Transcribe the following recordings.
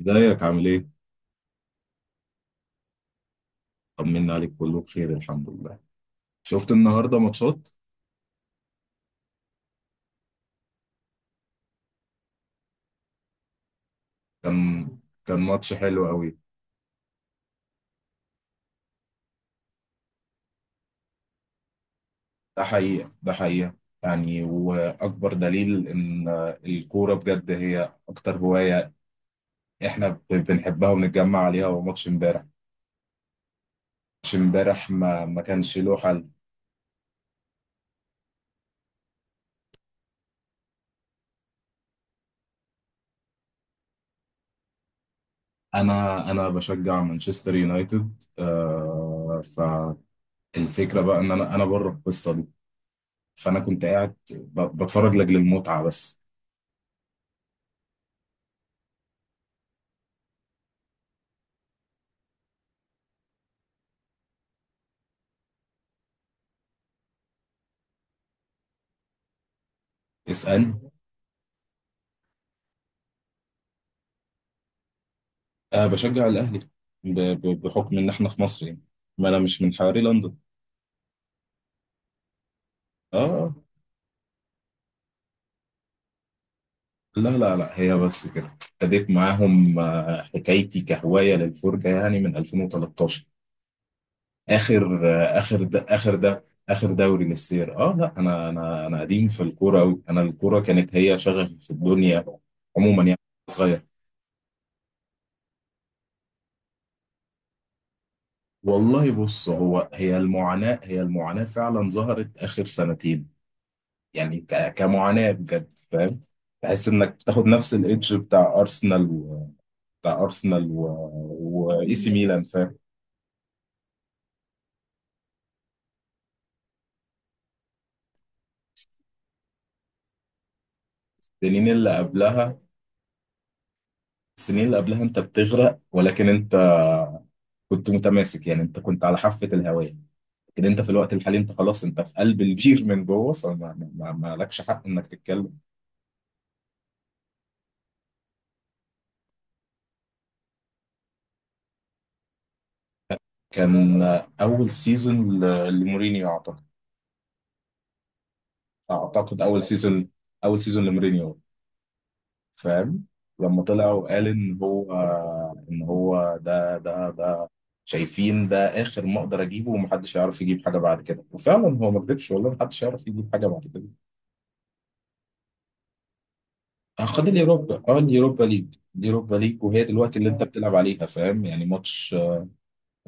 ازيك عامل ايه؟ طمنا عليك كله بخير الحمد لله. شفت النهارده ماتشات. كان كان ماتش حلو قوي. ده حقيقة ده حقيقة، يعني واكبر دليل ان الكورة بجد هي اكتر هواية احنا بنحبها وبنتجمع عليها. هو ماتش امبارح، ماتش امبارح، ما كانش له حل. انا بشجع مانشستر يونايتد. فالفكرة بقى ان انا بره القصة دي، فانا كنت قاعد بتفرج لاجل المتعة بس. اسأل. أه، بشجع الأهلي بحكم إن إحنا في مصر يعني، ما أنا مش من حواري لندن. آه آه. لا لا لا، هي بس كده ابتديت معاهم. حكايتي كهواية للفرجة يعني من 2013. آخر آخر آخر دوري للسير. لا، أنا قديم في الكورة أوي، أنا الكورة كانت هي شغفي في الدنيا عموما يعني. صغير. والله بص، هو هي المعاناة هي المعاناة فعلا ظهرت آخر سنتين، يعني كمعاناة بجد، فاهم. تحس انك بتاخد نفس الايدج بتاع ارسنال و واي سي ميلان، فاهم. السنين اللي قبلها السنين اللي قبلها انت بتغرق، ولكن انت كنت متماسك يعني. انت كنت على حافة الهواء، لكن انت في الوقت الحالي انت خلاص، انت في قلب البير من جوه. فما ما... ما ما لكش حق انك تتكلم. كان اول سيزون لمورينيو اعتقد. اعتقد اول سيزون لمورينيو، فاهم. لما طلع وقال ان هو، ان هو ده شايفين، ده اخر ما اقدر اجيبه ومحدش يعرف يجيب حاجه بعد كده. وفعلا هو ما كذبش والله، محدش يعرف يجيب حاجه بعد كده. آه، خد اليوروبا، اه اليوروبا ليج، اليوروبا ليج، وهي دلوقتي اللي انت اه بتلعب عليها، فاهم يعني.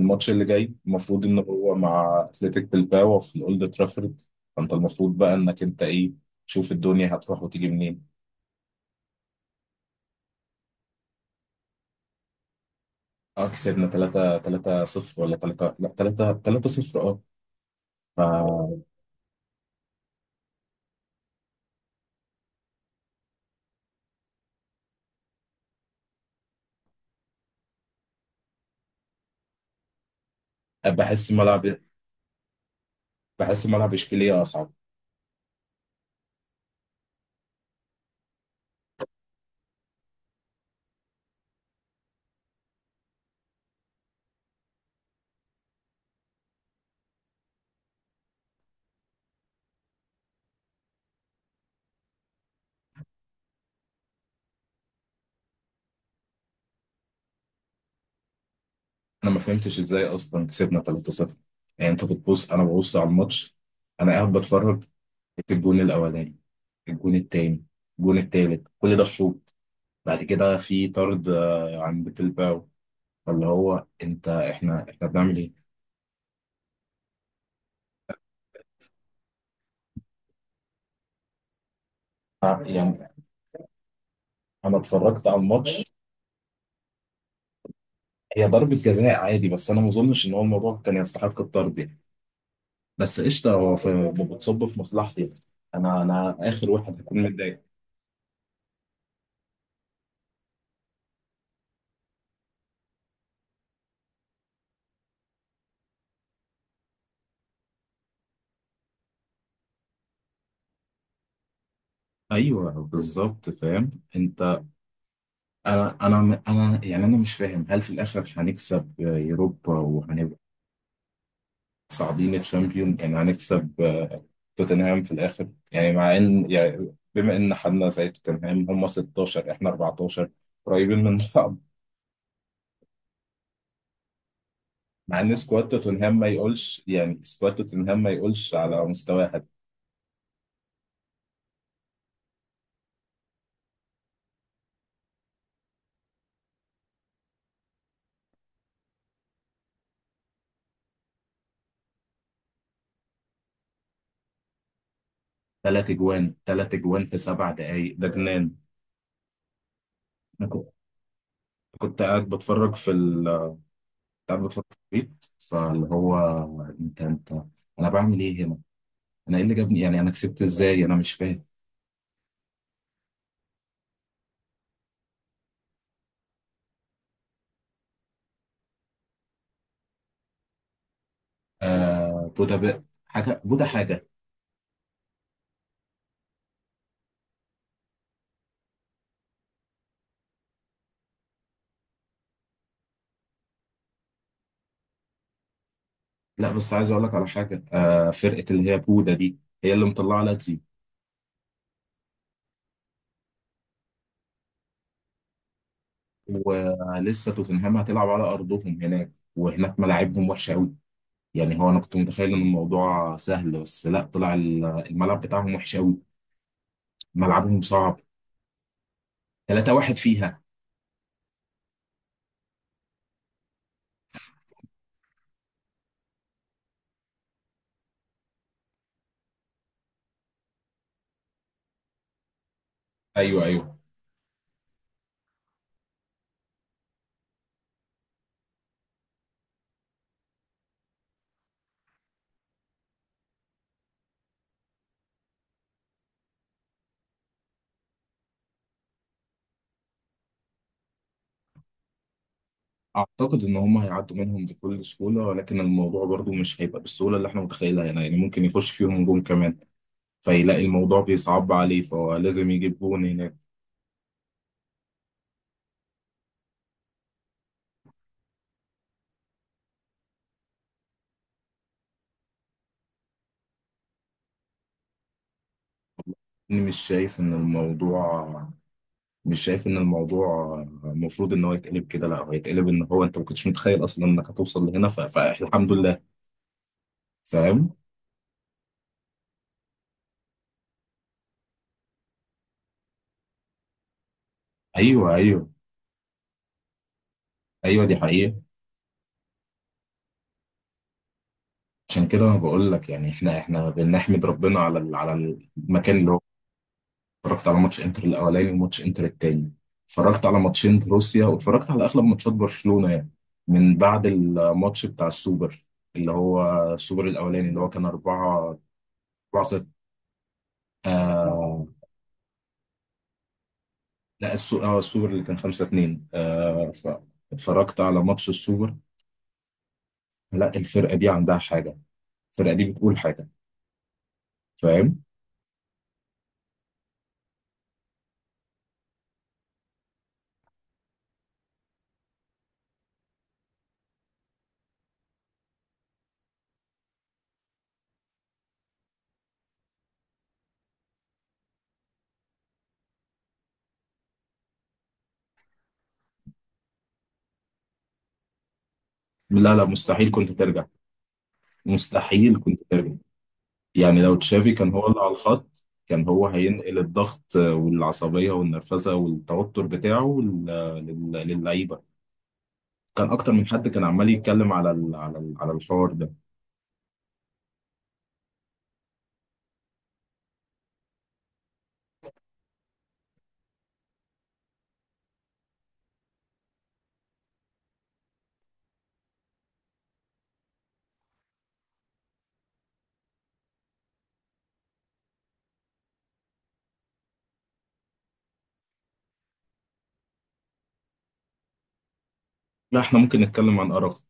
الماتش اللي جاي المفروض ان هو مع اتلتيك بالباو في الاولد ترافورد، فانت المفروض بقى انك انت ايه، تشوف الدنيا هتروح وتيجي منين. اه، كسبنا 3 3 0، ولا 3، لا، 3 3 0. اه. بحس ملعب بحس ملعب اشبيليه اصعب. انا ما فهمتش ازاي اصلا كسبنا 3-0. يعني انت بتبص، انا ببص على الماتش، انا قاعد بتفرج. الجون الاولاني، الجون التاني، الجون التالت، كل ده الشوط. بعد كده في طرد عند بيلباو، فاللي هو انت احنا بنعمل ايه. آه، يعني انا اتفرجت على الماتش. هي ضربة جزاء عادي، بس انا ما اظنش ان هو الموضوع كان يستحق الطرد يعني. بس قشطه، هو بتصب في مصلحتي، انا اخر واحد هكون متضايق. ايوه بالظبط، فاهم انت. انا مش فاهم هل في الاخر هنكسب يوروبا وهنبقى صاعدين الشامبيون. يعني هنكسب توتنهام في الاخر، يعني مع ان، يعني بما ان حدنا زي توتنهام، هم 16 احنا 14، قريبين من بعض. مع ان سكواد توتنهام ما يقولش، يعني سكواد توتنهام ما يقولش على مستوى حد. ثلاث اجوان، ثلاث اجوان في سبع دقائق، ده جنان. انا كنت قاعد بتفرج في ال، قاعد بتفكر في البيت، فاللي هو انت انا بعمل ايه هنا؟ انا ايه اللي جابني، يعني انا كسبت ازاي؟ انا مش فاهم. آه، بودا حاجه، بودا حاجه. لا بس عايز اقول لك على حاجه، آه فرقه اللي هي بودا دي هي اللي مطلعه لاتزيو. ولسه توتنهام هتلعب على ارضهم، هناك وهناك ملاعبهم وحشه قوي، يعني. هو انا كنت متخيل ان الموضوع سهل، بس لا، طلع الملعب بتاعهم وحش قوي، ملعبهم صعب. 3-1 فيها. ايوه ايوه. اعتقد ان هم هيعدوا منهم بكل سهوله، ولكن الموضوع برضو مش هيبقى بالسهوله اللي احنا متخيلها هنا، يعني ممكن يخش فيهم جون كمان، فيلاقي الموضوع بيصعب عليه، فهو لازم يجيب جون هناك. أنا مش شايف ان الموضوع مش شايف ان الموضوع المفروض ان هو يتقلب كده، لا، هو يتقلب ان هو انت ما كنتش متخيل اصلا انك هتوصل لهنا، فالحمد لله، فاهم. ايوه ايوه. ايوه، دي حقيقه. عشان كده انا بقول لك، يعني احنا بنحمد ربنا على على المكان اللي هو. اتفرجت على ماتش انتر الاولاني وماتش انتر التاني، اتفرجت على ماتشين روسيا، واتفرجت على اغلب ماتشات برشلونة يعني. من بعد الماتش بتاع السوبر، اللي هو السوبر الاولاني، اللي هو كان 4 4 0، آه. لا، السوبر اللي كان 5 2، آه. فاتفرجت على ماتش السوبر. لا، الفرقة دي عندها حاجة، الفرقة دي بتقول حاجة، فاهم. لا لا، مستحيل كنت ترجع. مستحيل كنت ترجع. يعني لو تشافي كان هو اللي على الخط، كان هو هينقل الضغط والعصبية والنرفزة والتوتر بتاعه للعيبة. كان أكتر من حد كان عمال يتكلم على ال، على ال، على الحوار ده. لا إحنا ممكن نتكلم عن أرخ،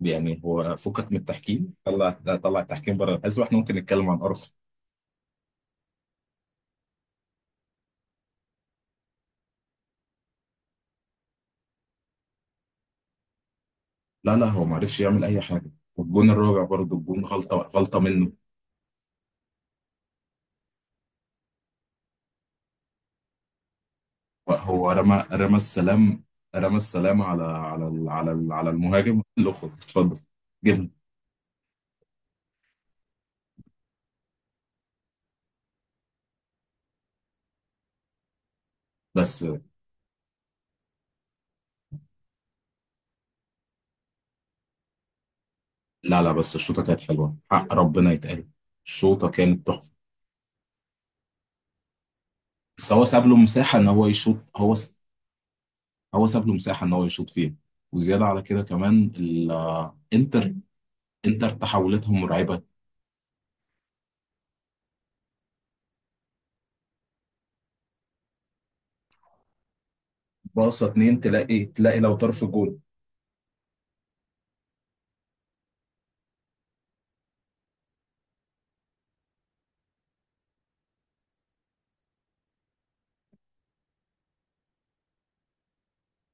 يعني هو فكك من التحكيم، طلع لا، طلع التحكيم بره الحسبة. إحنا ممكن نتكلم عن أرخ. لا لا، هو ما عرفش يعمل أي حاجة. والجون الرابع برضه، الجون غلطة منه. هو رمى السلام، رمى السلام على على المهاجم اللي خد اتفضل، جبنه. بس لا لا، بس الشوطه كانت حلوه حق ربنا يتقال، الشوطه كانت تحفه. بس هو ساب له مساحه ان هو يشوط، هو ساب له مساحه ان هو يشوط فيها. وزياده على كده كمان. الانتر انتر تحولتها مرعبه. باصه اتنين، تلاقي تلاقي لو طرف جون.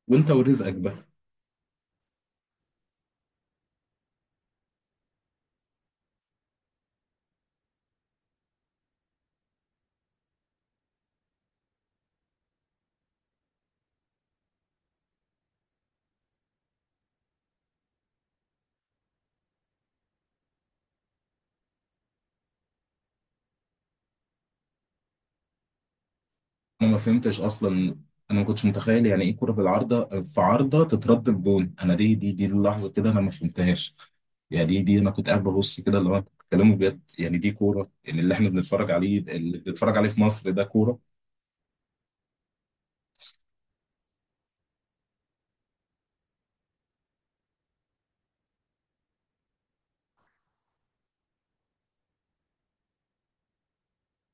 وانت ورزقك بقى. انا ما فهمتش اصلا، انا ما كنتش متخيل يعني. ايه كرة بالعارضة، في عارضة تترد بجون! انا دي اللحظة كده انا ما فهمتهاش. يعني دي انا كنت قاعد ببص كده، اللي هو انتوا بتتكلموا بجد يعني، دي كوره يعني اللي احنا بنتفرج عليه، اللي بنتفرج عليه في مصر ده كوره.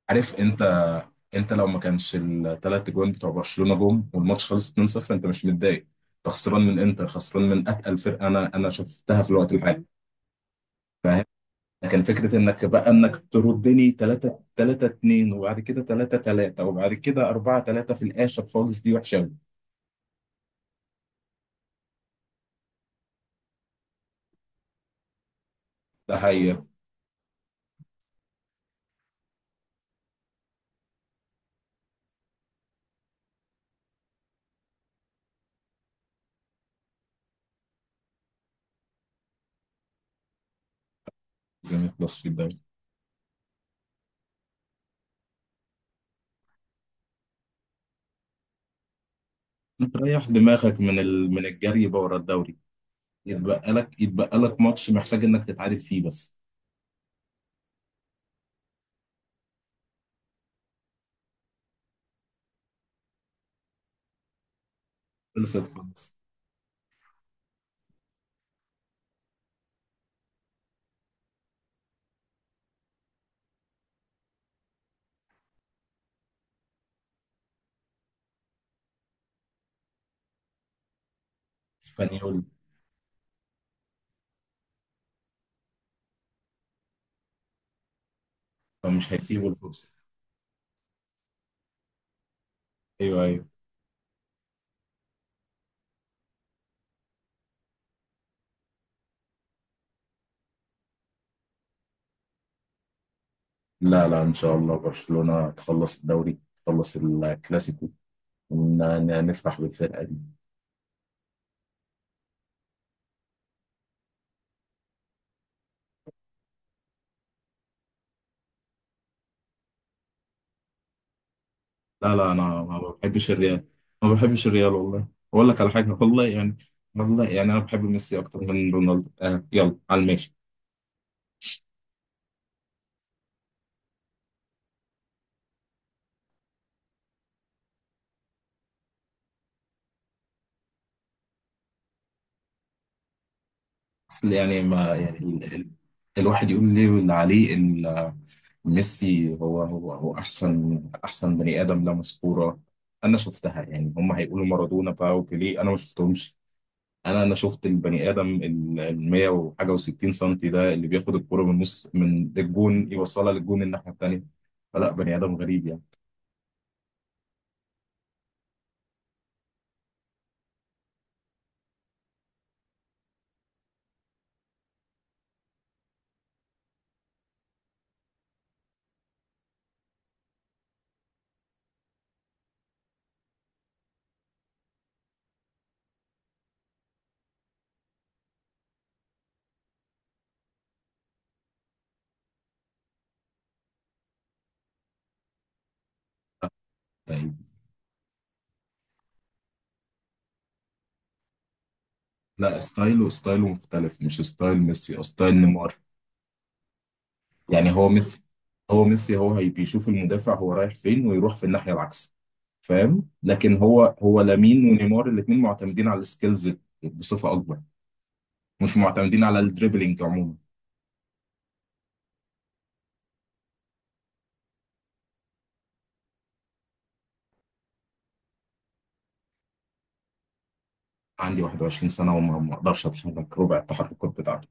عارف انت، انت لو ما كانش الثلاث جوان بتوع برشلونه جم والماتش خلص 2-0، انت مش متضايق. انت خسران من انتر، خسران من اتقل فرقه انا انا شفتها في الوقت الحالي. لكن فكرة انك بقى انك تردني 3 3 2، وبعد كده 3 3، وبعد كده 4 3 في الاخر خالص، دي وحشة قوي. ده هي. زي ما يخلص في الدوري، انت ريح دماغك من من الجري بقى ورا الدوري. يتبقى لك ماتش محتاج انك تتعادل فيه بس. خلصت خلاص. اسبانيول، فمش هيسيبوا الفرصة. ايوه ايوه. لا لا، ان شاء الله برشلونة تخلص الدوري، تخلص الكلاسيكو، ونفرح بالفرقة. لا لا، انا ما بحبش الريال، ما بحبش الريال والله. اقول لك على حاجه، والله يعني، والله يعني انا بحب ميسي اكتر من رونالدو آه، يلا على الماشي. بس يعني، ما يعني الواحد يقول ليه، واللي عليه ميسي هو احسن، احسن بني ادم، لا مسكوره. انا شفتها، يعني هم هيقولوا مارادونا بقى وبيليه، انا ما شفتهمش. انا شفت البني ادم ال 100 وحاجه و60 سم ده اللي بياخد الكوره من نص، من الجون، يوصلها للجون الناحيه التانيه. فلا، بني ادم غريب يعني. طيب. لا، ستايله مختلف، مش ستايل ميسي او ستايل نيمار. يعني هو ميسي، هو بيشوف المدافع هو رايح فين، ويروح في الناحية العكس، فاهم. لكن هو لامين ونيمار الاتنين معتمدين على السكيلز بصفة اكبر، مش معتمدين على الدريبلينج عموما. عندي 21 سنة وما ما اقدرش اتحرك ربع التحركات بتاعته.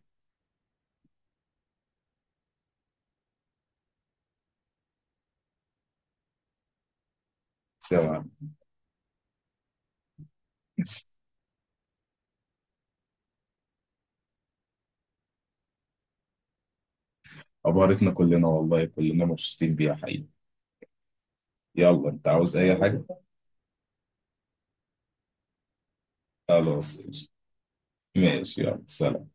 بس، عبارتنا كلنا والله كلنا مبسوطين بيها حقيقي. يلا، انت عاوز اي حاجة؟ خلاص. ماشي، يلا، سلام.